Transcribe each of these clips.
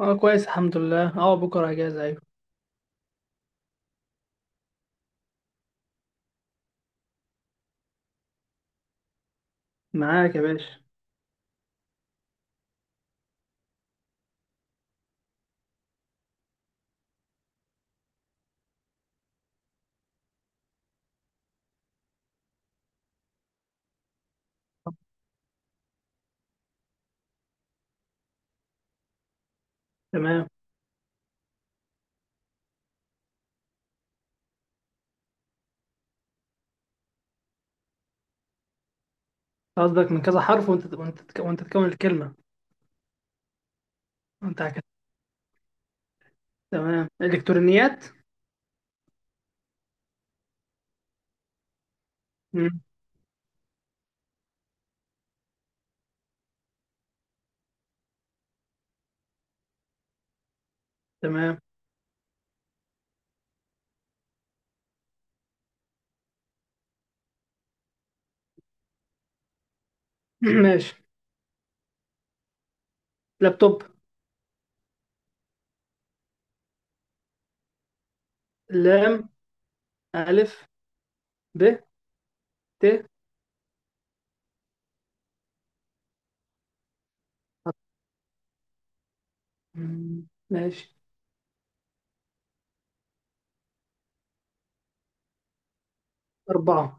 اه، كويس الحمد لله. اه بكره اجازه. ايوه. معاك يا باشا. تمام. قصدك من كذا حرف وانت تكون الكلمه؟ انت عكس. تمام. الكترونيات. مم. تمام. ماشي. لابتوب. لام، الف، ب، ت. مم. ماشي. 4.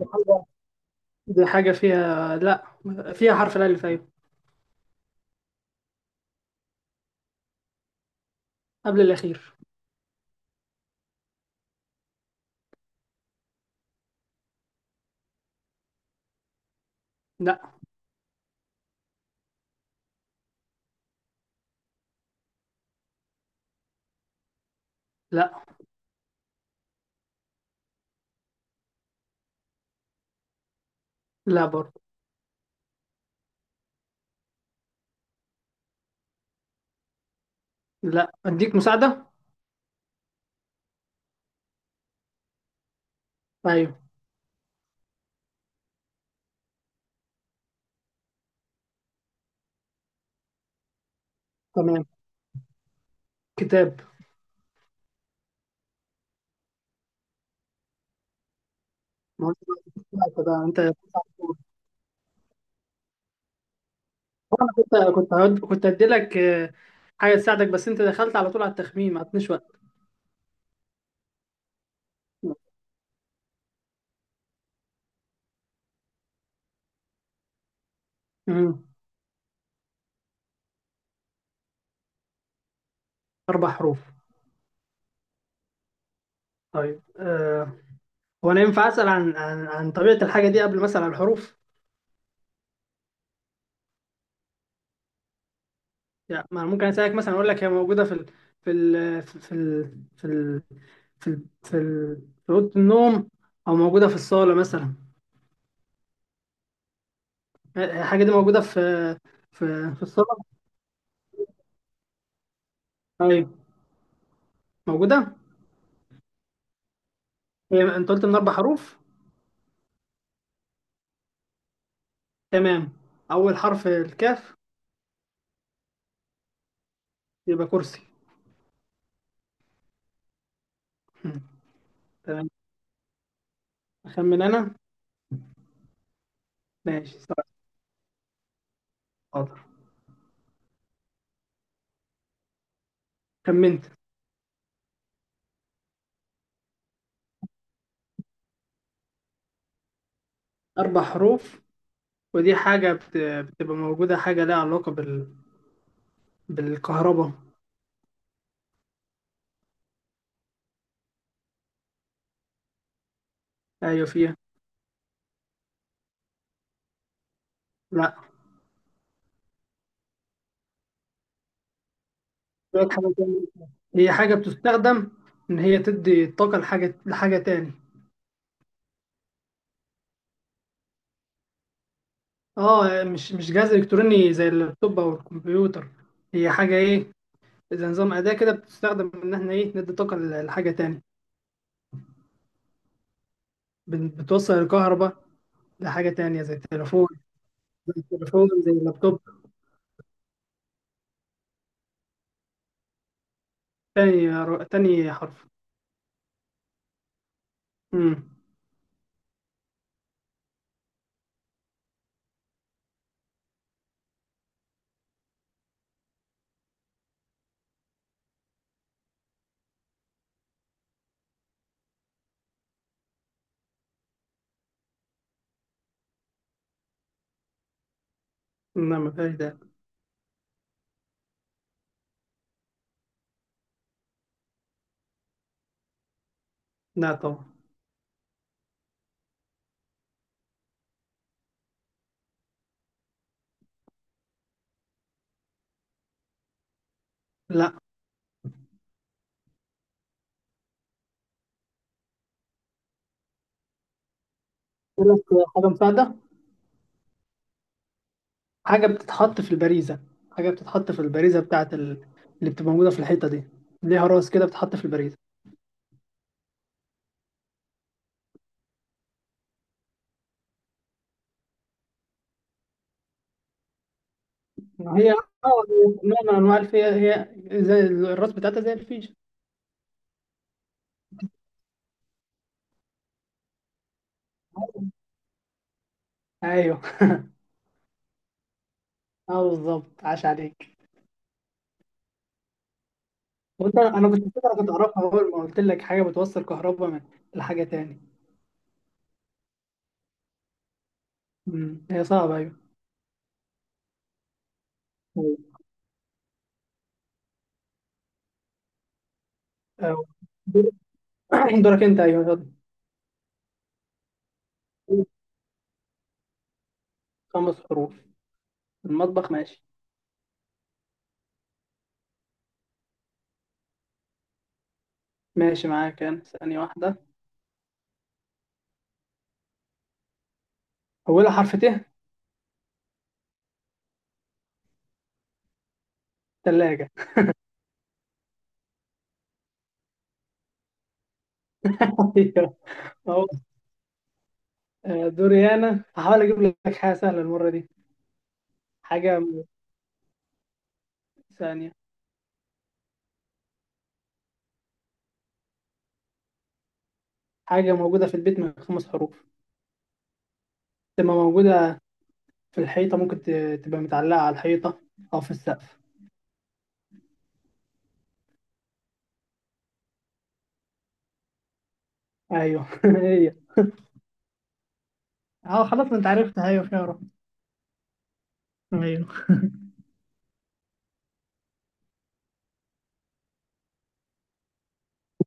دي حاجه دي حاجة فيها. لا، فيها حرف الالف. ايوه. قبل الاخير. لا. لا. لا برضه. لا، اديك مساعده؟ ايوه. تمام. كتاب. ما هو، انت بقى انت انا كنت هديلك حاجه تساعدك، بس انت دخلت على طول على التخمين، ما عطنيش وقت. مم. 4 حروف. طيب. هو انا ينفع اسال عن طبيعه الحاجه دي قبل مثلا الحروف؟ يعني ما أنا ممكن اسالك مثلا، اقول لك هي موجوده في ال... في ال... في ال... في ال... في ال... في اوضه النوم، او موجوده في الصاله مثلا. الحاجه دي موجوده في الصاله. ايوه، موجوده. هي انت قلت من 4 حروف؟ تمام. اول حرف الكاف. يبقى كرسي. مم. تمام. أخمن أنا؟ ماشي. حاضر. خمنت. 4 حروف. ودي حاجة بتبقى موجودة، حاجة لها علاقة بالكهرباء. أيوة، فيها. لا. شوية حاجة تانية. هي حاجة بتستخدم إن هي تدي طاقة لحاجة تاني. أه، مش جهاز إلكتروني زي اللابتوب أو الكمبيوتر. هي حاجة إيه؟ زي نظام أداة كده، بتستخدم إن إحنا إيه ندي طاقة لحاجة تاني. بتوصل الكهرباء لحاجة تانية زي التليفون. زي التليفون، زي اللابتوب. تاني حرف. امم لا، ما فيهاش ده. لا طبعا. لا. يقول لك. حاجه مساعده. حاجه بتتحط في البريزه. حاجه بتتحط في البريزه بتاعت اللي بتبقى موجوده في الحيطه دي. ليها راس كده، بتتحط في البريزه. ما هي نوع من انواع الفي، هي زي الراس بتاعتها، زي الفيشه. ايوه. اه، بالظبط، عاش عليك. انا كنت فاكر كنت اعرفها اول ما قلت لك حاجه بتوصل كهرباء من لحاجه تاني. هي صعبه، ايوه. أيوة. دور- دورك انت. ايوه. يلا. 5 حروف. المطبخ. ماشي. ماشي معاك، أنا ثانية واحدة. أولها حرف ت. تلاجة. أيوة. أهو. دوري، أنا هحاول أجيب لك حاجة سهلة المرة دي. حاجة م- ثانية. حاجة موجودة في البيت من 5 حروف. تبقى موجودة في الحيطة، ممكن تبقى متعلقة على الحيطة، أو في السقف. أيوه. هي. أه، خلاص، ما أنت عرفتها. أيوه، خيارة. أيوه.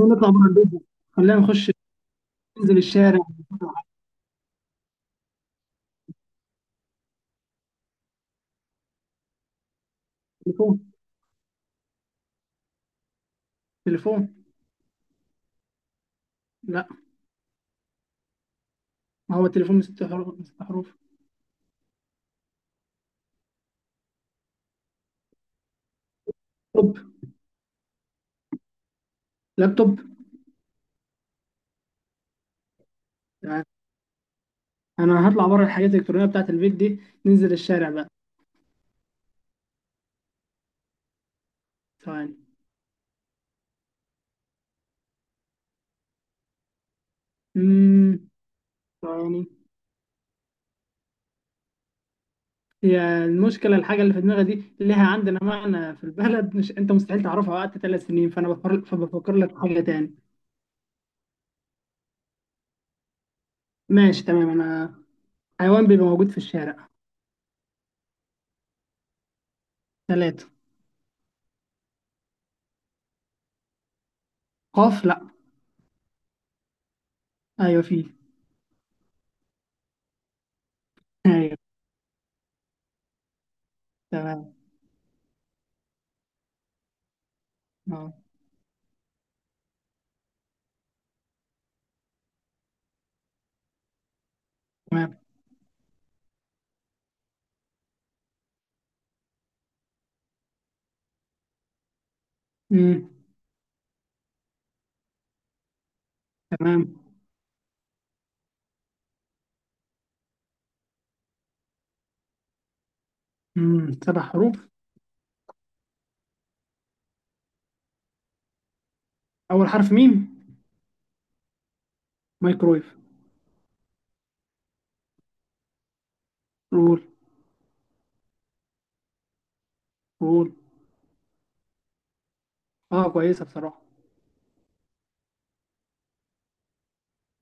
نطلع بره البيت بقى. خلينا نخش. ننزل الشارع. تليفون. تليفون. لا. ما هو التليفون من 6 حروف، من 6 حروف. لابتوب. لابتوب. انا هطلع بره، الحاجات الالكترونيه بتاعت البيت دي. ننزل الشارع بقى. ثواني. امم ثواني. هي المشكله، الحاجه اللي في دماغي دي ليها عندنا معنى في البلد، مش انت مستحيل تعرفها وقت 3 سنين، فانا بفكر، فبفكر لك في حاجه تاني. ماشي، تمام. انا، حيوان بيبقى موجود في الشارع. 3. قاف؟ لا. ايوه، في. ايوه. تمام. اه. تمام. امم تمام. 7 حروف. اول حرف ميم. مايكرويف. قول، قول. اه، كويسه بصراحه.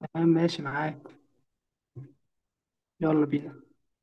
تمام، ماشي معاك. يلا بينا.